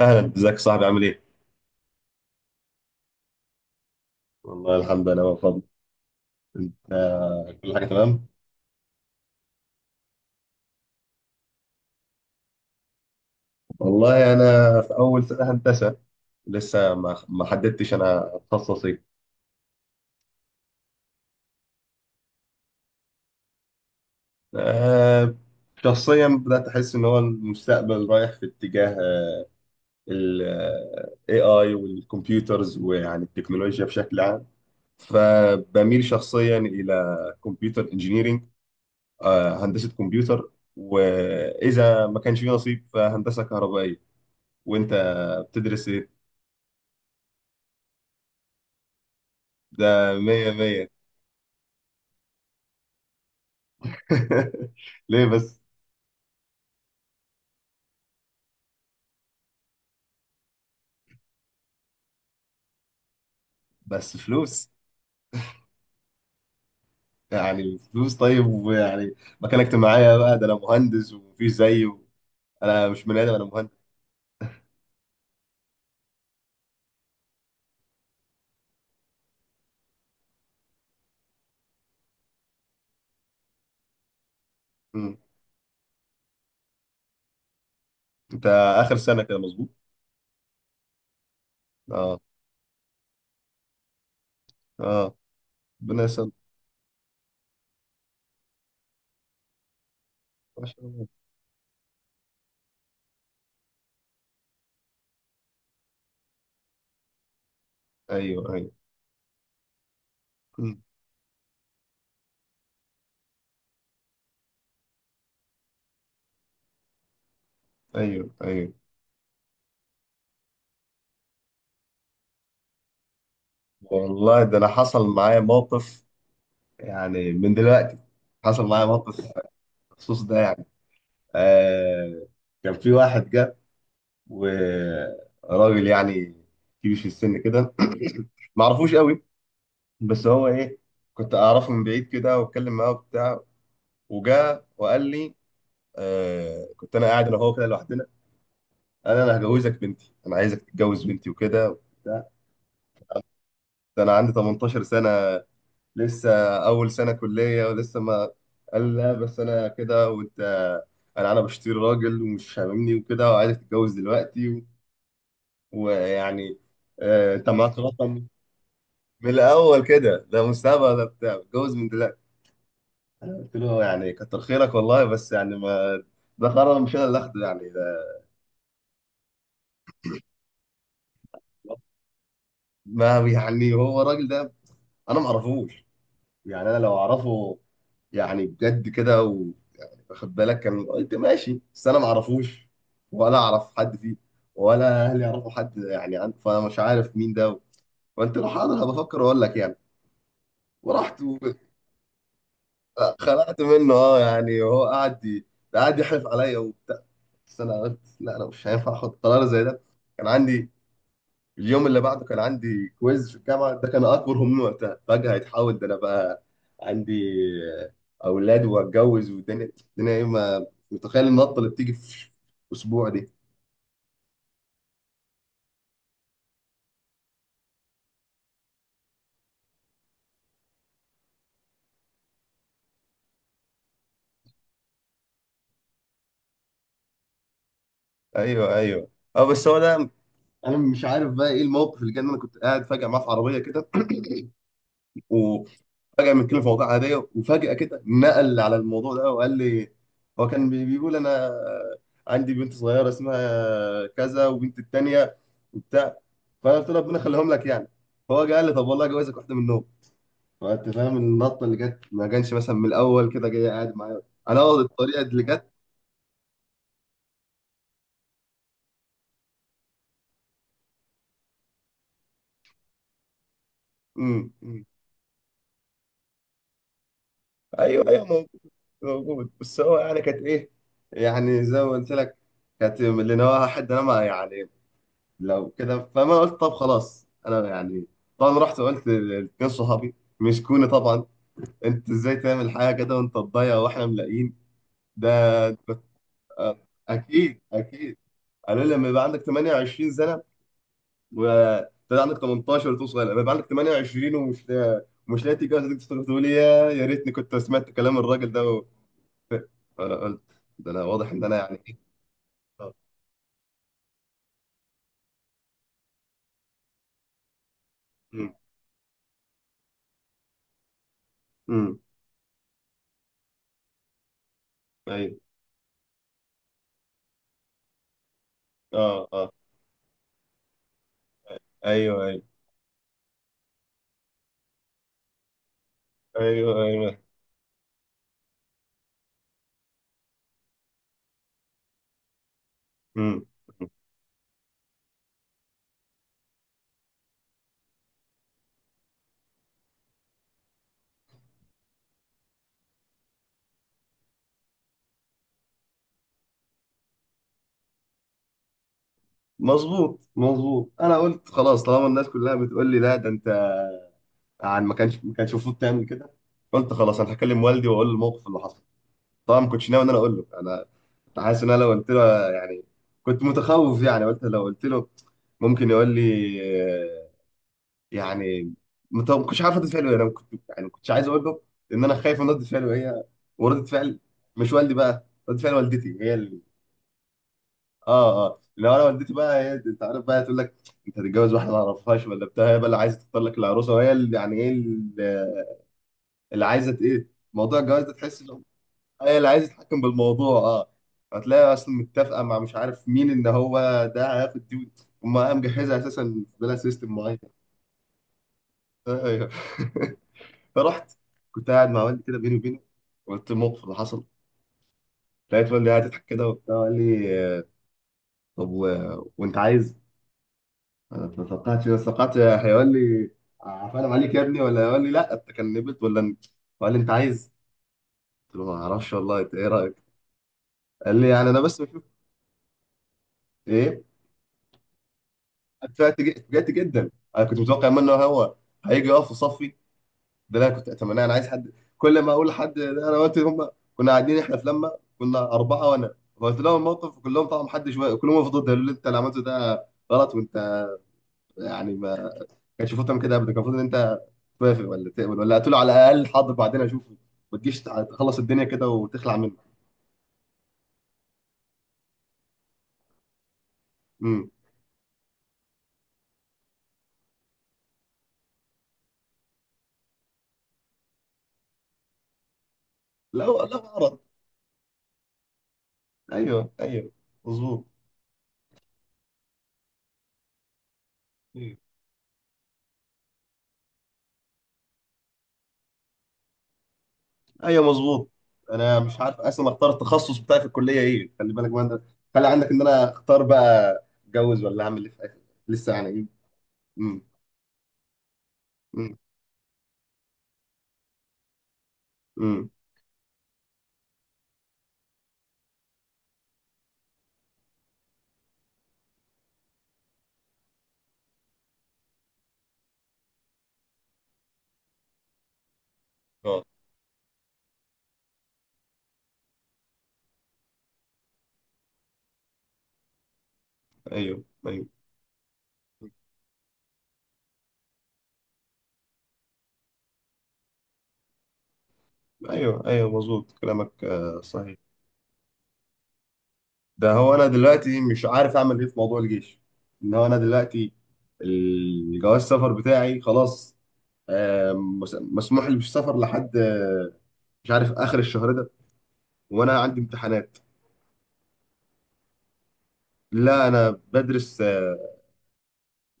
اهلا، ازيك يا صاحبي؟ عامل ايه؟ والله الحمد لله بفضل. انت كل حاجه تمام؟ والله انا في اول سنه هندسه. لسه ما حددتش انا اتخصص ايه. آه، شخصيا بدات احس ان هو المستقبل رايح في اتجاه، ال AI والكمبيوترز، ويعني التكنولوجيا بشكل عام. فبميل شخصيا الى كمبيوتر انجينيرنج، هندسه كمبيوتر، واذا ما كانش في نصيب فهندسه كهربائيه. وانت بتدرس ايه؟ ده مية مية. ليه بس؟ بس فلوس. يعني الفلوس طيب، ويعني مكانك معايا بقى. ده انا مهندس ومفيش زيي و... انا مش بني ادم، انا مهندس. مم. انت اخر سنة كده، مظبوط؟ اه، اه. ربنا يسلمك. ما شاء الله. ايوه، ايوه. مم. ايوه، ايوه. والله ده انا حصل معايا موقف، يعني من دلوقتي حصل معايا موقف بخصوص ده يعني. آه كان في واحد جه، وراجل يعني كبير في السن كده ما اعرفوش قوي. بس هو ايه، كنت اعرفه من بعيد كده، واتكلم معاه وبتاع. وجا وقال لي، كنت انا قاعد انا وهو كده لوحدنا. قال انا هجوزك بنتي، انا عايزك تتجوز بنتي وكده وبتاع. ده انا عندي 18 سنه لسه، اول سنه كليه، ولسه ما. قال لا بس انا كده، وانت انا بشتري راجل ومش هاممني وكده، وعايزك تتجوز دلوقتي و... ويعني، انت معاك رقم؟ من الاول كده، ده مستعبد ده بتاع، اتجوز من دلوقتي. انا قلت له يعني كتر خيرك والله، بس يعني ما. ده قرار مش انا اللي اخده يعني ده. ما يعني هو الراجل ده، انا ما اعرفوش. يعني انا لو اعرفه، يعني بجد كده، واخد بالك، كان قلت ماشي. بس انا ما اعرفوش، ولا اعرف حد فيه، ولا اهلي يعرفوا حد يعني عنه، فانا مش عارف مين ده. وانت لو حاضر هبفكر واقول لك يعني. ورحت خلعت منه. اه، يعني هو قعد ده قعد يحلف عليا وبتاع. بس انا قلت لا، انا مش هينفع احط قرار زي ده. كان عندي اليوم اللي بعده كان عندي كويز في الجامعه، ده كان اكبر همومي وقتها. فجاه هيتحول ده انا بقى عندي اولاد واتجوز، والدنيا الدنيا ايه، ما متخيل النطه اللي بتيجي في اسبوع دي. ايوه، ايوه. اه، بس هو ده. انا مش عارف بقى ايه الموقف اللي جه، ان انا كنت قاعد فجاه معاه في عربيه كده. وفجأة بنتكلم في مواضيع عادية، وفجأة كده نقل على الموضوع ده وقال لي. هو كان بيقول أنا عندي بنت صغيرة اسمها كذا، وبنت التانية وبتاع. فأنا قلت له ربنا يخليهم لك يعني. فهو جه قال لي طب والله جوازك واحدة منهم. فأنت فاهم النطة اللي جت، ما كانش مثلا من الأول كده جاي قاعد معايا، أنا أقعد الطريقة اللي جت. مم. مم. أيوه، أيوه، موجود. موجود، بس هو يعني كانت إيه. يعني زي ما قلت لك، كانت من اللي نواها حد، أنا ما يعني، لو كده. فما قلت طب خلاص انا يعني. طبعا رحت وقلت لاتنين صحابي، مسكوني طبعا: انت ازاي تعمل حاجه كده وانت تضيع، واحنا ملاقيين ده. أ- اكيد، اكيد. قالوا لي لما يبقى عندك 28 سنه، وتبقى عندك 18 وتكون صغير، لما يبقى عندك 28 ومش لا... ومش لاقي تتجوز، تقدر تقول يا يا ريتني كنت سمعت كلام الراجل ده و... فانا قلت، ده انا واضح ان انا يعني ايه. اه. امم. امم. ايوه. اه، اه. ايوه، ايوه. ايوه، ايوه. امم. مظبوط، مظبوط. انا قلت خلاص، طالما الناس كلها بتقول لي لا ده انت، عن ما كانش المفروض تعمل كده. قلت خلاص انا هكلم والدي واقول له الموقف اللي حصل. طبعا ما كنتش ناوي ان انا اقول له انا. كنت حاسس ان انا لو قلت له يعني، كنت متخوف. يعني قلت لو قلت له ممكن يقول لي آه، يعني ما كنتش عارف رد فعله إيه. انا كنت يعني ما كنتش عايز اقول له، ان انا خايف من رد فعله هي، ورده فعل، مش والدي بقى، رد فعل والدتي هي. اه، اه. لو انا والدتي بقى، هي انت عارف بقى تقول لك: انت هتتجوز واحده ما اعرفهاش ولا بتاع. هي بقى اللي عايزه تختار لك العروسه، وهي اللي يعني ايه، اللي اللي عايزه ايه. موضوع الجواز ده تحس ان هي اللي عايزه تتحكم بالموضوع، اه. هتلاقي اصلا متفقه مع مش عارف مين، ان هو ده هياخد دي. هم مجهزه اساسا بلا سيستم معين. ايوه. فرحت، كنت قاعد مع والدي كده بيني وبينه، قلت الموقف اللي حصل. لقيت والدي قاعد يضحك كده وبتاع، قال لي طب و... وانت عايز. انا اتلصقعت، انا اتلصقعت. هيقول لي عفانا عليك يا ابني، ولا هيقول لي لا انت كان نبت، ولا انت. قال لي انت عايز. قلت له ما اعرفش والله، انت ايه رايك؟ قال لي يعني انا بس بشوف ايه. اتفاجئت جدا. انا كنت متوقع منه هو هيجي يقف في صفي. ده اللي انا كنت اتمناه. انا عايز حد كل ما اقول لحد ده انا قلت هم. كنا قاعدين احنا في لما كنا اربعه، وانا قلت لهم الموقف كلهم، طبعا محدش كلهم وقفوا ضدي. قالوا لي انت اللي عملته ده غلط، وانت يعني ما كانش المفروض تعمل كده ابدا. كان المفروض ان انت توافق، ولا تقبل، ولا هتقول على الاقل حاضر بعدين اشوفه، ما تجيش تخلص الدنيا كده وتخلع منه. امم. لا، لا، غلط. ايوه، ايوه، مظبوط. مم. ايوه، مظبوط. انا مش عارف اصلا اختار التخصص بتاعي في الكليه ايه، خلي بالك بقى انت. خلي عندك ان انا اختار بقى اتجوز، ولا اعمل ايه في الاخر، لسه يعني ايه. امم. امم. امم. اه. ايوه، ايوه. ايوه، ايوه، مظبوط كلامك، صحيح. ده هو انا دلوقتي مش عارف اعمل ايه في موضوع الجيش. ان هو انا دلوقتي الجواز السفر بتاعي خلاص، مسموح لي بالسفر لحد مش عارف اخر الشهر ده، وانا عندي امتحانات. لا انا بدرس،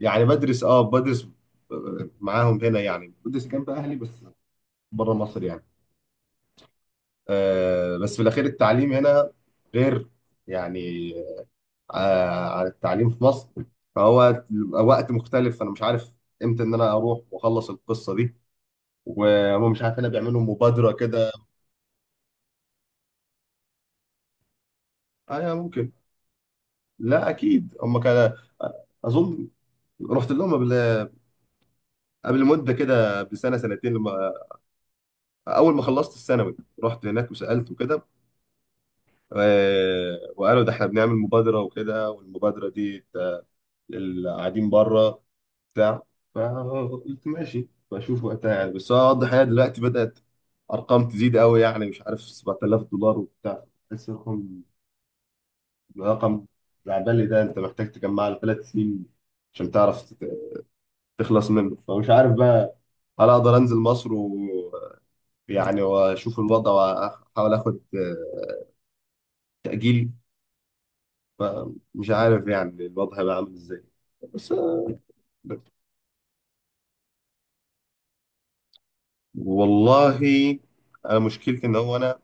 يعني بدرس، اه بدرس، معاهم هنا، يعني بدرس جنب اهلي بس، بره مصر يعني. بس في الاخير التعليم هنا غير يعني، على التعليم في مصر. فهو وقت مختلف، فانا مش عارف امتى ان انا اروح واخلص القصه دي. وهم مش عارف انا بيعملوا مبادره كده. ايوه، ممكن. لا اكيد هم كان، اظن، رحت لهم قبل مده كده بسنه سنتين، لما اول ما خلصت الثانوي رحت هناك وسالت وكده. وقالوا ده احنا بنعمل مبادره وكده، والمبادره دي اللي قاعدين بره بتاع فقلت ماشي بشوف وقتها يعني. بس هو واضح هي دلوقتي بدأت أرقام تزيد قوي، يعني مش عارف 7000 دولار وبتاع. بس رقم. رقم العبالي ده، أنت محتاج تجمع له 3 سنين عشان تعرف تخلص منه. فمش عارف بقى، هل أقدر أنزل مصر ويعني، وأشوف الوضع وأحاول آخد تأجيل. فمش عارف يعني الوضع هيبقى عامل إزاي، بس والله أنا مشكلتي إن هو أنا،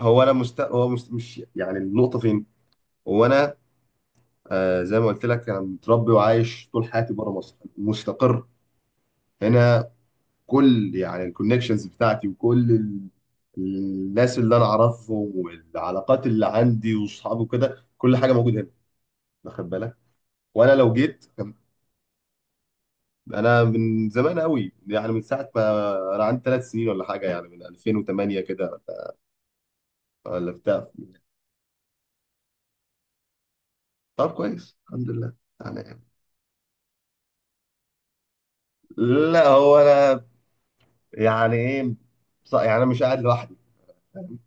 هو انا مست... هو مست... مش يعني النقطه فين. هو انا آه، زي ما قلت لك، انا متربي وعايش طول حياتي بره مصر، مستقر هنا. كل يعني الكونكشنز بتاعتي وكل ال... الناس اللي انا اعرفهم والعلاقات اللي عندي واصحابي وكده، كل حاجه موجوده هنا واخد بالك. وانا لو جيت كان... انا من زمان قوي، يعني من ساعه ما انا عندي 3 سنين ولا حاجه، يعني من 2008 كده ولا بتاع. طب كويس الحمد لله. يعني، لا هو انا يعني ايه، يعني انا مش قاعد لوحدي، فاهم.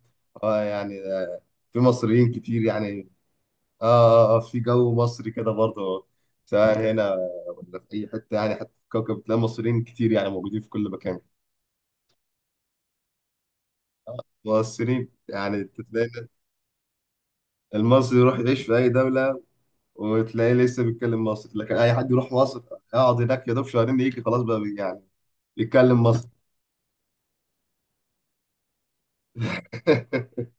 اه، يعني في مصريين كتير يعني. اه، اه. في جو مصري كده برضه، سواء هنا ولا في اي حته، يعني حتى في الكوكب بتلاقي مصريين كتير، يعني موجودين في كل مكان. مصريين يعني تلاقي المصري يروح يعيش في اي دوله وتلاقيه لسه بيتكلم مصري. لكن اي حد يروح مصر يقعد هناك يا دوب شهرين، يجي خلاص بقى يعني يتكلم مصري.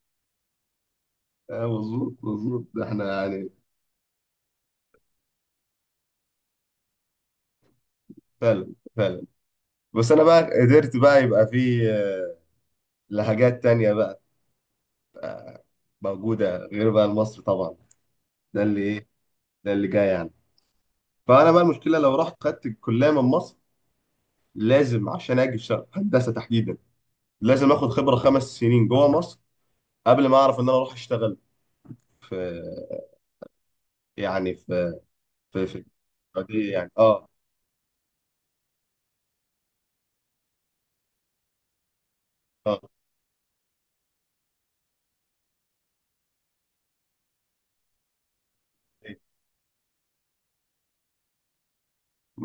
مظبوط، مظبوط، ده احنا يعني. فعلا، فعلا. بس انا بقى قدرت بقى يبقى في لهجات تانية بقى موجودة غير بقى المصري طبعا. ده اللي ايه، ده اللي جاي يعني. فانا بقى المشكلة لو رحت خدت الكلية من مصر، لازم عشان اجي في هندسة تحديدا، لازم اخد خبرة 5 سنين جوه مصر قبل ما اعرف ان انا اروح اشتغل في، يعني في في في دي يعني. اه، اه.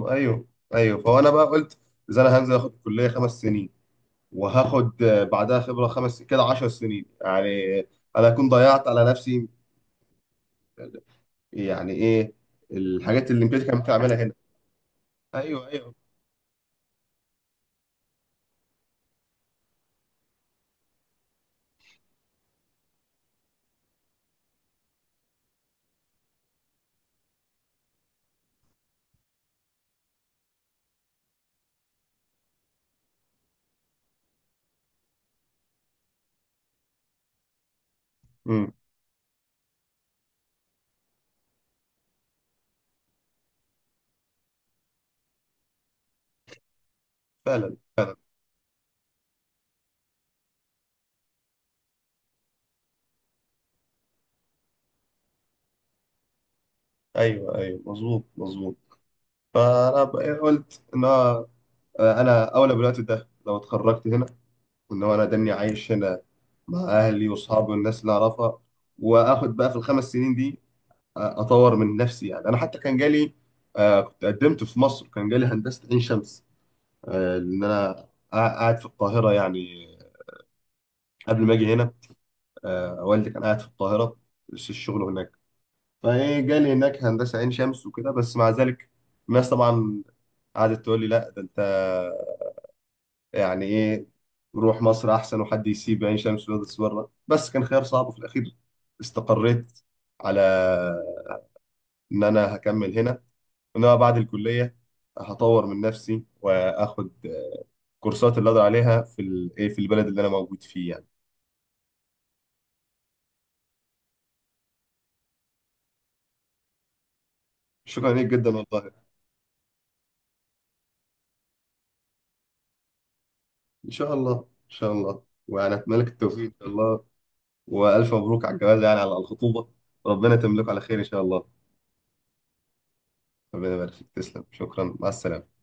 ايوه، ايوه. فانا بقى قلت، اذا انا هنزل اخد الكليه 5 سنين، وهاخد بعدها خبره خمس كده 10 سنين يعني، انا اكون ضيعت على نفسي، يعني ايه، الحاجات اللي امبارح كانت بتعملها هنا. ايوه، ايوه. امم. فعلا. ايوه، ايوه، مظبوط، مظبوط. فانا إيه قلت، ان هو انا اولى بالوقت ده لو اتخرجت هنا، وان هو انا دني عايش هنا مع اهلي واصحابي والناس اللي اعرفها. واخد بقى في ال5 سنين دي اطور من نفسي يعني. انا حتى كان جالي، كنت قدمت في مصر، كان جالي هندسة عين شمس، لان انا قاعد في القاهرة يعني قبل ما اجي هنا. والدي كان قاعد في القاهرة في الشغل هناك، فإيه جالي هناك هندسة عين شمس وكده. بس مع ذلك الناس طبعا قعدت تقول لي لا ده أنت يعني إيه، روح مصر أحسن، وحد يسيب عين شمس ويدرس بره. بس كان خيار صعب، وفي الأخير استقريت على إن أنا هكمل هنا. إن أنا بعد الكلية هطور من نفسي وآخد كورسات اللي أقدر عليها في إيه في البلد اللي أنا موجود فيه يعني. شكرا ليك جدا والله. إن شاء الله، إن شاء الله. وأنا أتمنى لك التوفيق إن شاء الله. وألف مبروك على الجواز، يعني على الخطوبة. ربنا يتمم لكم على خير إن شاء الله. ربنا يبارك فيك، تسلم، شكرا، مع السلامة.